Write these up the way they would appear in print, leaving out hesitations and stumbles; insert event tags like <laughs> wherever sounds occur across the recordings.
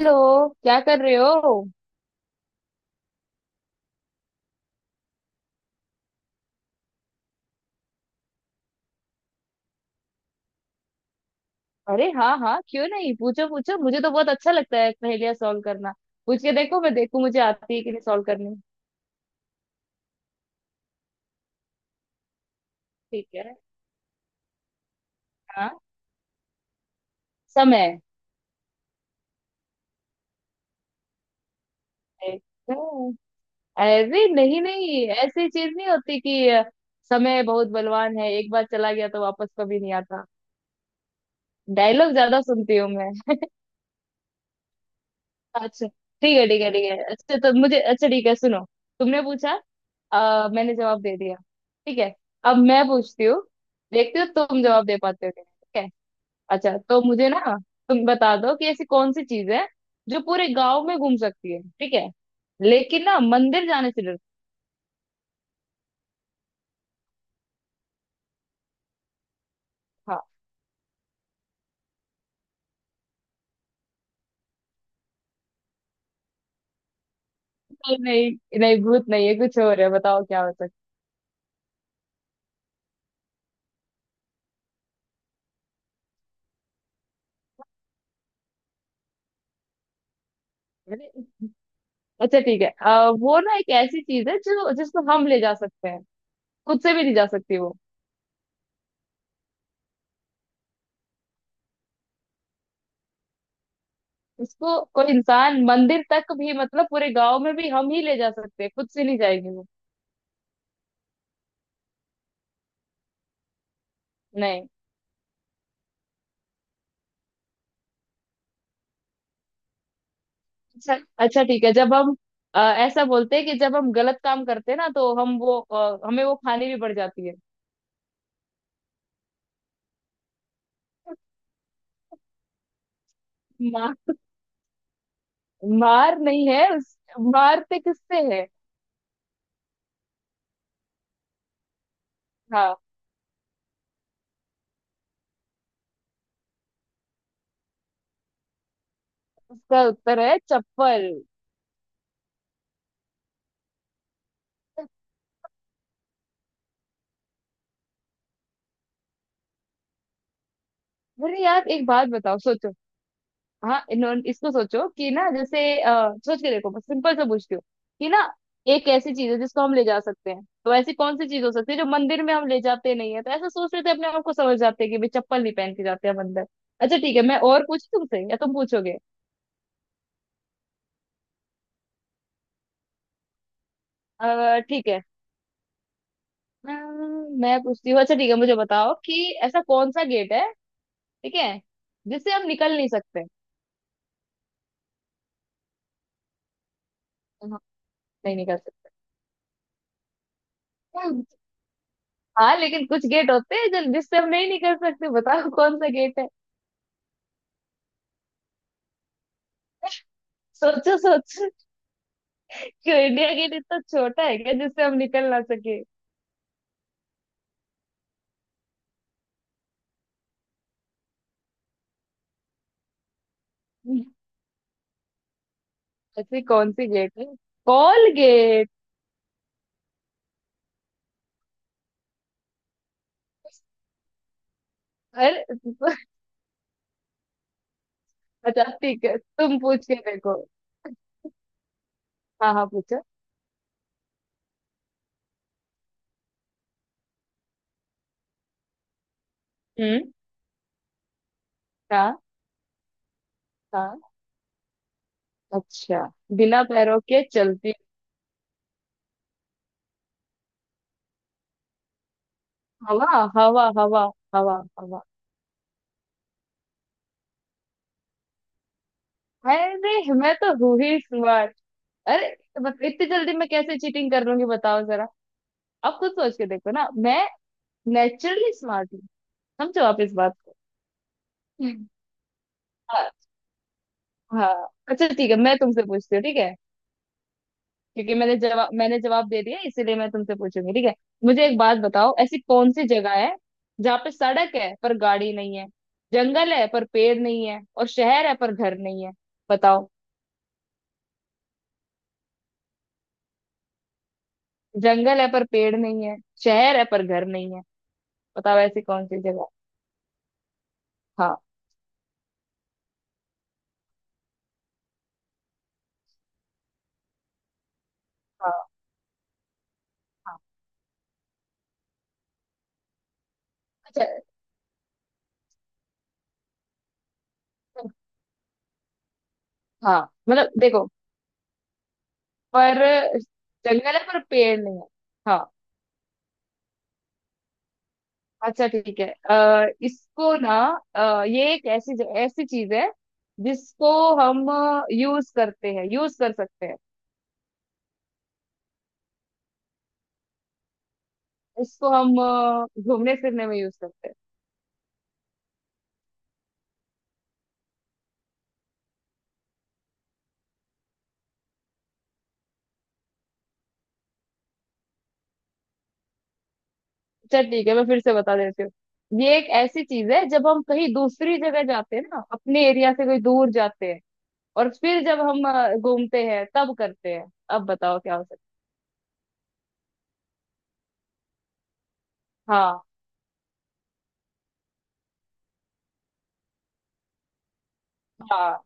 Hello. क्या कर रहे हो? अरे हाँ हाँ, क्यों नहीं, पूछो पूछो, मुझे तो बहुत अच्छा लगता है पहेलियां सॉल्व करना। पूछ के देखो, मैं देखूं मुझे आती है कि नहीं सॉल्व करनी। ठीक है। हाँ। समय। एकदम। अरे नहीं नहीं, ऐसी चीज नहीं होती कि समय बहुत बलवान है, एक बार चला गया तो वापस कभी नहीं आता। डायलॉग ज्यादा सुनती हूँ मैं। अच्छा। ठीक है अच्छा, तो मुझे, अच्छा ठीक है, सुनो, तुमने पूछा, मैंने जवाब दे दिया, ठीक है? अब मैं पूछती हूँ, देखती हूँ तुम जवाब दे पाते हो कि नहीं, ठीक है? अच्छा तो मुझे ना, तुम बता दो कि ऐसी कौन सी चीज है जो पूरे गांव में घूम सकती है, ठीक है, लेकिन ना मंदिर जाने से डरती है। हाँ। नहीं नहीं नहीं, भूत नहीं है, कुछ और है, बताओ क्या हो सकता है। <laughs> अच्छा ठीक है। वो ना एक ऐसी चीज है जो, जिसको हम ले जा सकते हैं, खुद से भी नहीं जा सकती वो। उसको कोई इंसान, मंदिर तक भी मतलब पूरे गांव में भी हम ही ले जा सकते हैं, खुद से नहीं जाएंगे वो। नहीं। अच्छा। अच्छा ठीक है। जब हम ऐसा बोलते हैं कि जब हम गलत काम करते हैं ना, तो हम वो, हमें वो खानी भी पड़ जाती है। मार। मार नहीं है उस, मारते किससे है? हाँ। उसका उत्तर है चप्पल। अरे यार, एक बात बताओ, सोचो। हाँ इन्होंने इसको, सोचो कि ना जैसे, सोच के देखो, बस सिंपल से पूछती हूँ कि ना, एक ऐसी चीज है जिसको हम ले जा सकते हैं, तो ऐसी कौन सी चीज हो सकती है जो मंदिर में हम ले जाते नहीं है, तो ऐसा सोच रहे थे अपने आप को समझ जाते हैं कि भाई चप्पल नहीं पहन के जाते हम अंदर। अच्छा ठीक है, मैं और पूछूं तुमसे या तुम पूछोगे? ठीक है। मैं पूछती हूँ। अच्छा ठीक है, मुझे बताओ कि ऐसा कौन सा गेट है, ठीक है, जिससे हम निकल नहीं सकते। हाँ। नहीं निकल सकते। हाँ लेकिन कुछ गेट होते हैं जो, जिससे हम नहीं निकल सकते, बताओ कौन सा गेट है। सोचो सोचो। क्यों, इंडिया गेट इतना छोटा है क्या जिससे हम निकल ना सके? ऐसी कौन सी गेट है? Call gate. अरे। अच्छा ठीक है, तुम पूछ के देखो। हाँ हाँ पूछो। हम्म। हाँ। हाँ। अच्छा। बिना पैरों के चलती। हवा। हवा हवा। हवा हवा। अरे मैं तो हूँ ही स्मार्ट। अरे, बस इतनी जल्दी मैं कैसे चीटिंग कर लूंगी, बताओ जरा। आप खुद सोच के देखो ना, मैं नेचुरली स्मार्ट हूँ। समझो आप इस बात को। <laughs> हाँ। अच्छा ठीक है, मैं तुमसे पूछती हूँ, ठीक है? क्योंकि मैंने जवाब दे दिया, इसीलिए मैं तुमसे पूछूंगी, ठीक है? मुझे एक बात बताओ, ऐसी कौन सी जगह है जहाँ पे सड़क है पर गाड़ी नहीं है, जंगल है पर पेड़ नहीं है, और शहर है पर घर नहीं है? बताओ। जंगल है पर पेड़ नहीं है, शहर है पर घर नहीं है। बताओ ऐसी कौन सी जगह। हाँ। हाँ। हाँ। अच्छा। हाँ। मतलब देखो। पर। जंगल है पर पेड़ नहीं है। हाँ। अच्छा ठीक है। इसको ना, ये एक ऐसी, ऐसी चीज है जिसको हम यूज करते हैं, यूज कर सकते हैं। इसको हम घूमने फिरने में यूज करते हैं। अच्छा ठीक है, मैं फिर से बता देती हूँ। ये एक ऐसी चीज है जब हम कहीं दूसरी जगह जाते हैं ना, अपने एरिया से कोई दूर जाते हैं, और फिर जब हम घूमते हैं तब करते हैं। अब बताओ क्या हो सकता है। हाँ। हाँ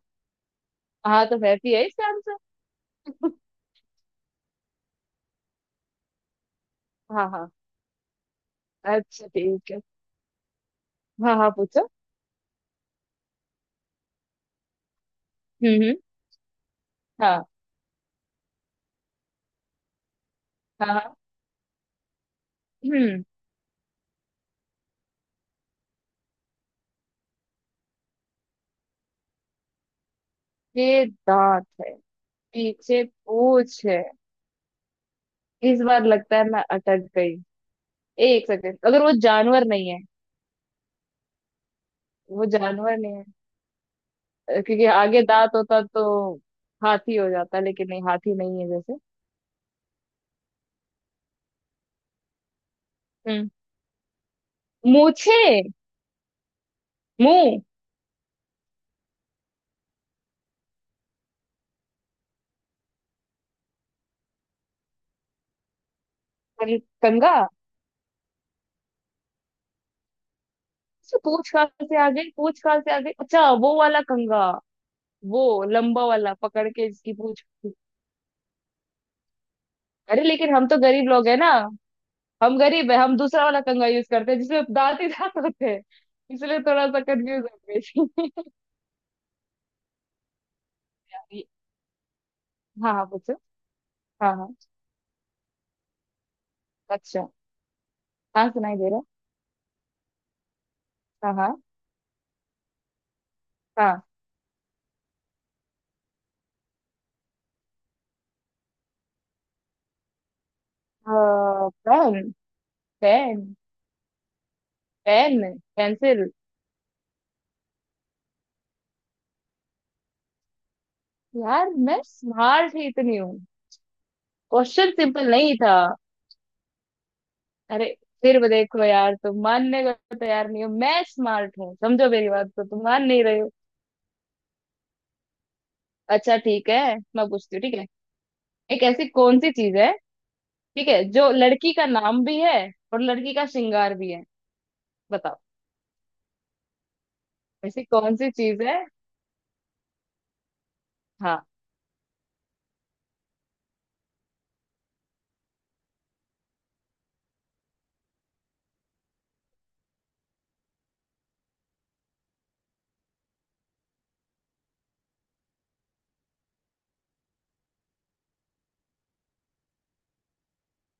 हाँ तो रहती है इसका आंसर। <laughs> हाँ हाँ। अच्छा ठीक है। हाँ हाँ पूछो। हम्म। हाँ हाँ हाँ। हम्म। ये दांत है, पीछे पूछ है। इस बार लगता है मैं अटक गई। एक सेकंड, अगर वो जानवर नहीं है, वो जानवर नहीं है, क्योंकि आगे दांत होता तो हाथी हो जाता, लेकिन नहीं हाथी नहीं है जैसे। हम्म। मूछे। मुंह। कंघा। अच्छा, पूछ कहाँ से आ गई? पूछ कहाँ से आ गई? अच्छा वो वाला कंघा, वो लंबा वाला पकड़ के, जिसकी पूछ। अरे लेकिन हम तो गरीब लोग है ना, हम गरीब है, हम दूसरा वाला कंघा यूज करते हैं जिसमें दांत ही दांत होते हैं, इसलिए थोड़ा सा कंफ्यूज हो गई थी। <laughs> ये- हाँ हाँ पूछो। हाँ हाँ। अच्छा। हाँ सुनाई दे रहा। हाँ हाँ। हाँ। पेन। पेन। पेन। पेंसिल। यार मैं स्मार्ट ही इतनी हूँ। क्वेश्चन सिंपल नहीं था। अरे, फिर भी देखो यार, तुम मानने को तो तैयार नहीं हो, मैं स्मार्ट हूँ, समझो मेरी बात को, तुम मान नहीं रहे हो। अच्छा ठीक है, मैं पूछती हूँ, ठीक है? एक ऐसी कौन सी चीज है, ठीक है, जो लड़की का नाम भी है और लड़की का श्रृंगार भी है? बताओ। ऐसी कौन सी चीज है? हाँ।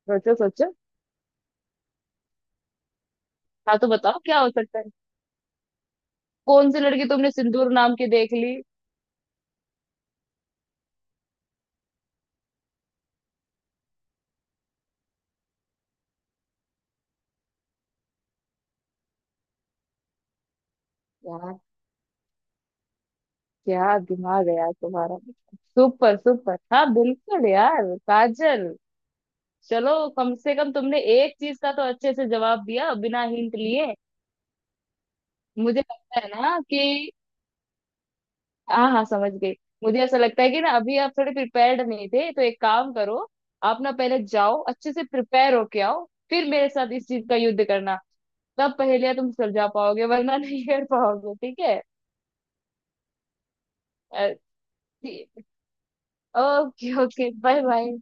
सोचो सोचो। हाँ तो बताओ क्या हो सकता है। कौन सी लड़की तुमने सिंदूर नाम की देख ली? यार क्या दिमाग है यार तुम्हारा। Super super. हाँ बिल्कुल यार, काजल। चलो, कम से कम तुमने एक चीज का तो अच्छे से जवाब दिया बिना हिंट लिए। मुझे लगता है ना कि, हाँ हाँ समझ गई। मुझे ऐसा लगता है कि ना, अभी आप थोड़े प्रिपेयर्ड नहीं थे, तो एक काम करो, आप ना पहले जाओ, अच्छे से प्रिपेयर होके आओ, फिर मेरे साथ इस चीज का युद्ध करना। तब पहेलियां तुम सुलझा पाओगे, वरना <laughs> नहीं कर पाओगे, ठीक है? ओके। Okay bye bye.